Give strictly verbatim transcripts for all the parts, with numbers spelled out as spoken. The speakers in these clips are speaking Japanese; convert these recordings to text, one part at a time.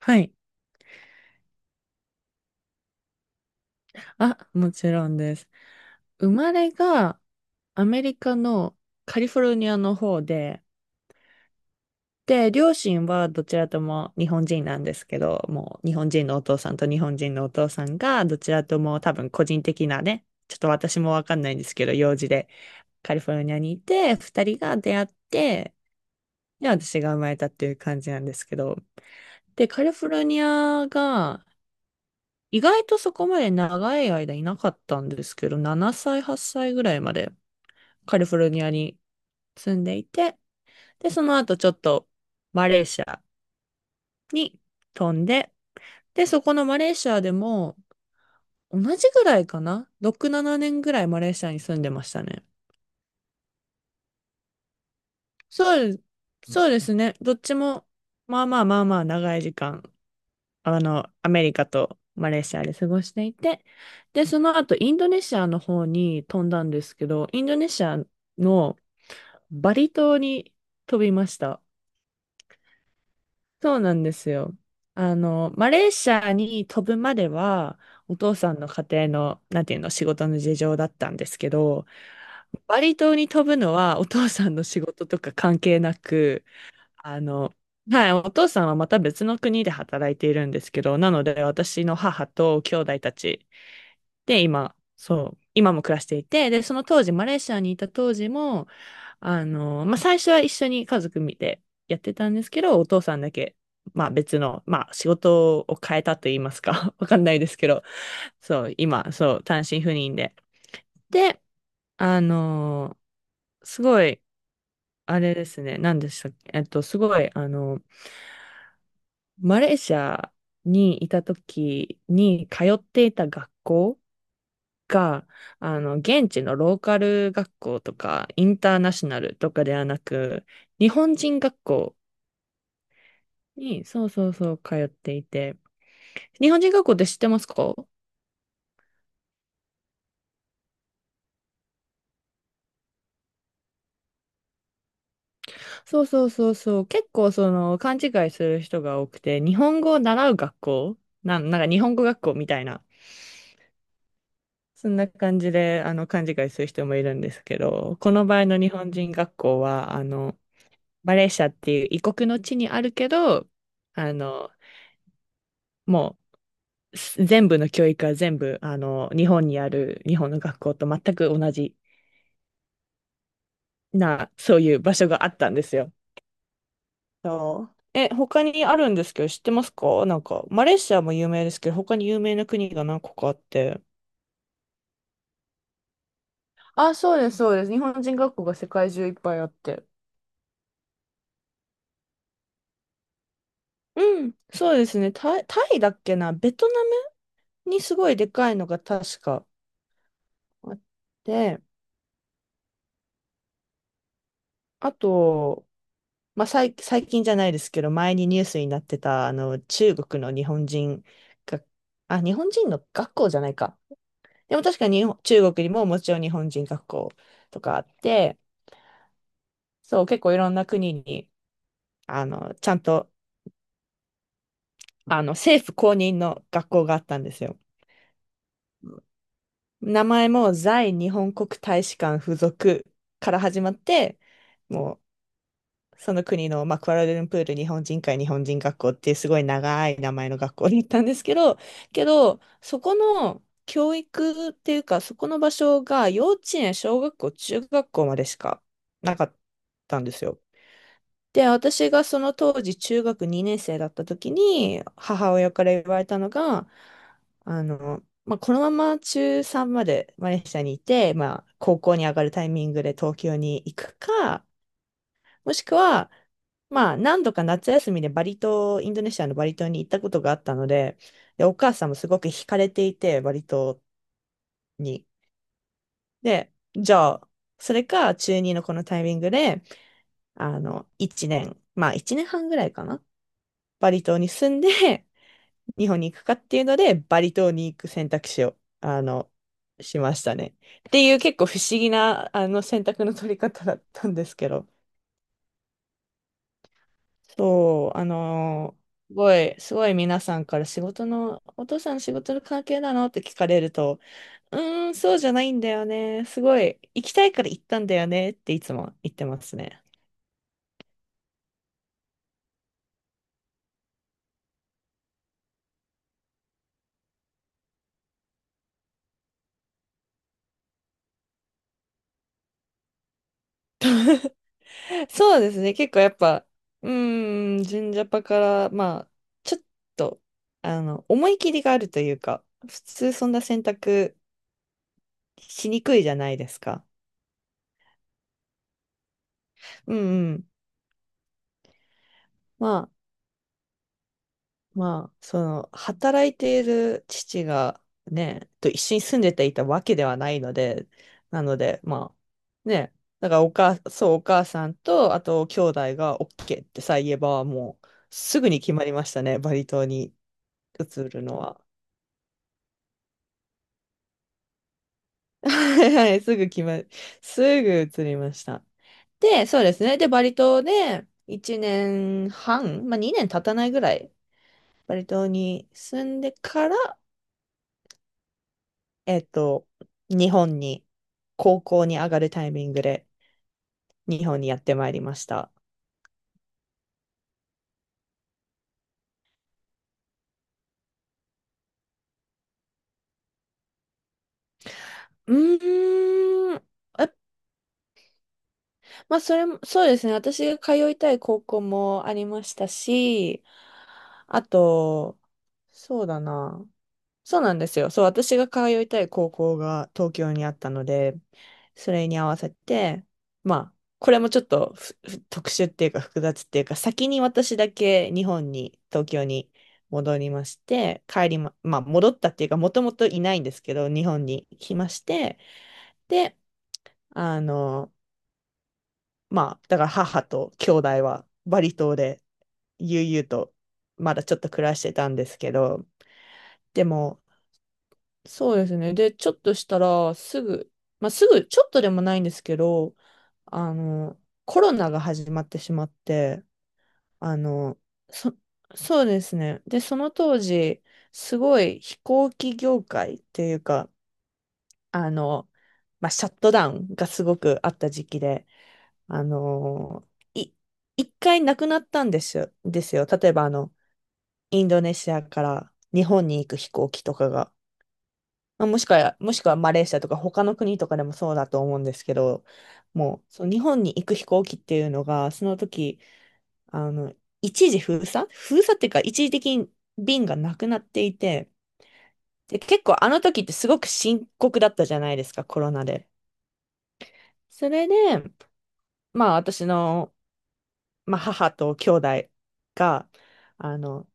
はい。あ、もちろんです。生まれがアメリカのカリフォルニアの方で、で、両親はどちらとも日本人なんですけど、もう日本人のお父さんと日本人のお父さんが、どちらとも多分個人的なね、ちょっと私もわかんないんですけど、用事でカリフォルニアにいて、二人が出会って、で、私が生まれたっていう感じなんですけど、で、カリフォルニアが、意外とそこまで長い間いなかったんですけど、ななさい、はっさいぐらいまでカリフォルニアに住んでいて、で、その後ちょっとマレーシアに飛んで、で、そこのマレーシアでも、同じぐらいかな？ ろく、ななねんぐらいマレーシアに住んでましたね。そうで、そうですね。どっちも、まあまあまあまあ長い時間、あの、アメリカとマレーシアで過ごしていて、で、その後インドネシアの方に飛んだんですけど、インドネシアのバリ島に飛びました。そうなんですよ。あの、マレーシアに飛ぶまでは、お父さんの家庭の、なんていうの、仕事の事情だったんですけど、バリ島に飛ぶのはお父さんの仕事とか関係なく、あの、はい、お父さんはまた別の国で働いているんですけど、なので私の母と兄弟たちで今、そう、今も暮らしていて、で、その当時、マレーシアにいた当時も、あの、まあ、最初は一緒に家族見てやってたんですけど、お父さんだけ、まあ、別の、まあ、仕事を変えたと言いますか、わかんないですけど、そう、今、そう、単身赴任で。で、あの、すごい、あれですね、何でしたっけ、えっと、すごい、あの、マレーシアにいた時に通っていた学校が、あの、現地のローカル学校とか、インターナショナルとかではなく、日本人学校に、そうそうそう、通っていて。日本人学校って知ってますか？そうそうそうそう。結構その勘違いする人が多くて、日本語を習う学校なん、なんか日本語学校みたいな。そんな感じで、あの、勘違いする人もいるんですけど、この場合の日本人学校は、あの、マレーシアっていう異国の地にあるけど、あの、もう、す全部の教育は全部、あの、日本にある日本の学校と全く同じな、そういう場所があったんですよ。そうえ、他にあるんですけど、知ってますか？なんか、マレーシアも有名ですけど、他に有名な国が何個かあって。あ、そうです、そうです。日本人学校が世界中いっぱいあって。うん、そうですね。タイ、タイだっけな、ベトナムにすごいでかいのが確かあって、あと、まあ、最、最近じゃないですけど、前にニュースになってた、あの、中国の日本人が、あ、日本人の学校じゃないか。でも確かに日本中国にももちろん日本人学校とかあって、そう、結構いろんな国に、あの、ちゃんと、あの、政府公認の学校があったんですよ。名前も在日本国大使館附属から始まって、もう、その国の、まあ、クアラルンプール日本人会日本人学校っていうすごい長い名前の学校に行ったんですけど、けど、そこの教育っていうか、そこの場所が幼稚園、小学校、中学校までしかなかったんですよ。で、私がその当時中学にねん生だった時に母親から言われたのが、あの、まあ、このまま中さんまでマレーシアにいて、まあ、高校に上がるタイミングで東京に行くか、もしくは、まあ、何度か夏休みでバリ島、インドネシアのバリ島に行ったことがあったので、で、お母さんもすごく惹かれていて、バリ島に。で、じゃあ、それか中にのこのタイミングで、あの、いちねん、まあいちねんはんぐらいかな？バリ島に住んで、日本に行くかっていうので、バリ島に行く選択肢を、あの、しましたね。っていう結構不思議な、あの、選択の取り方だったんですけど。そう、あのーすごい、すごい皆さんから仕事の、お父さん仕事の関係なのって聞かれると、うーん、そうじゃないんだよね。すごい、行きたいから行ったんだよねっていつも言ってますね。そうですね。結構やっぱ、うーん、純ジャパから、まあ、ちょっと、あの、思い切りがあるというか、普通そんな選択しにくいじゃないですか。うんうん。まあ、まあ、その、働いている父がね、と一緒に住んでていたわけではないので、なので、まあ、ね、だからお母、そう、お母さんと、あと、兄弟が オーケー ってさえ言えば、もう、すぐに決まりましたね、バリ島に移るのは。はいはい、すぐ来ま、すぐ移りました。で、そうですね。で、バリ島でいちねんはん、まあにねん経たないぐらい、バリ島に住んでから、えっと、日本に、高校に上がるタイミングで、日本にやってまいりました。うーん。え、まあ、それも、そうですね。私が通いたい高校もありましたし、あと、そうだな。そうなんですよ。そう、私が通いたい高校が東京にあったので、それに合わせて、まあ、これもちょっとふふ特殊っていうか複雑っていうか、先に私だけ日本に、東京に戻りまして、帰りま、まあ、戻ったっていうか、もともといないんですけど、日本に来まして、で、あの、まあ、だから母と兄弟はバリ島で悠々とまだちょっと暮らしてたんですけど、でも、そうですね。で、ちょっとしたら、すぐ、まあ、すぐ、ちょっとでもないんですけど、あの、コロナが始まってしまって、あの、そ、そうですね。で、その当時、すごい飛行機業界っていうか、あの、まあ、シャットダウンがすごくあった時期で、あの、い、一回なくなったんですよ、ですよ。例えば、あの、インドネシアから日本に行く飛行機とかが。まあ、もしくは、もしくはマレーシアとか他の国とかでもそうだと思うんですけど、もう、その日本に行く飛行機っていうのが、その時、あの、一時封鎖封鎖っていうか、一時的に便がなくなっていて、で、結構あの時ってすごく深刻だったじゃないですか、コロナで。それで、まあ私の、まあ、母と兄弟が、あの、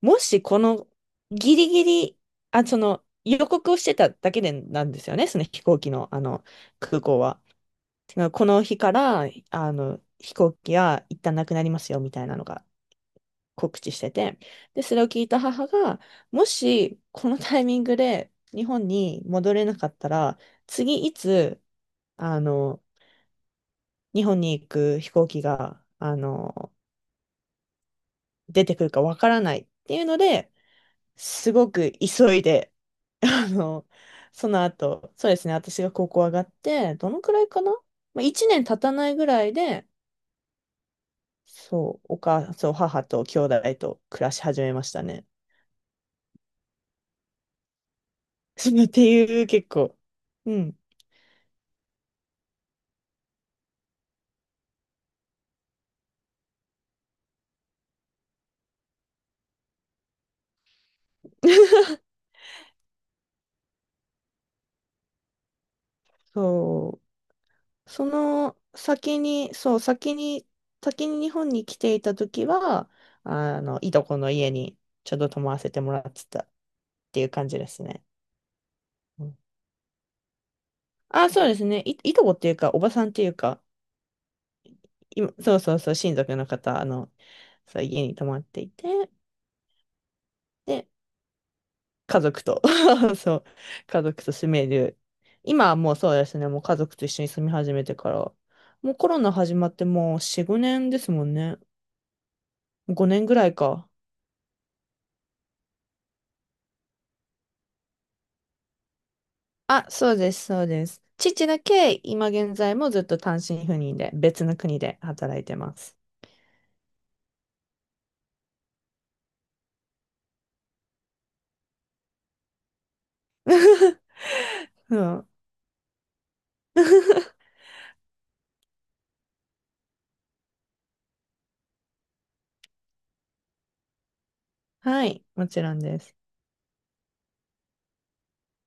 もしこのギリギリ、あ、その予告をしてただけでなんですよね、その飛行機の、あの空港は。てかこの日から、あの、飛行機は一旦なくなりますよ、みたいなのが告知してて。で、それを聞いた母が、もし、このタイミングで日本に戻れなかったら、次いつ、あの、日本に行く飛行機が、あの、出てくるかわからないっていうので、すごく急いで、あの、その後、そうですね、私が高校上がって、どのくらいかな？まあ、いちねん経たないぐらいで、そう、お母、そう、母と兄弟と暮らし始めましたね。っていう、結構。うん。そう。その先に、そう、先に、先に日本に来ていた時は、あの、いとこの家にちょっと泊まらせてもらってたっていう感じですね。うん。あ、そうですね。い、いとこっていうか、おばさんっていうか、今そうそうそう、親族の方、あの、そう、家に泊まっていて、で、家族と そう、家族と住める。今はもうそうですね、もう家族と一緒に住み始めてから。もうコロナ始まってもうよん、ごねんですもんね。ごねんぐらいか。あ、そうです、そうです。父だけ今現在もずっと単身赴任で別の国で働いてます。うん。はい、もちろんです。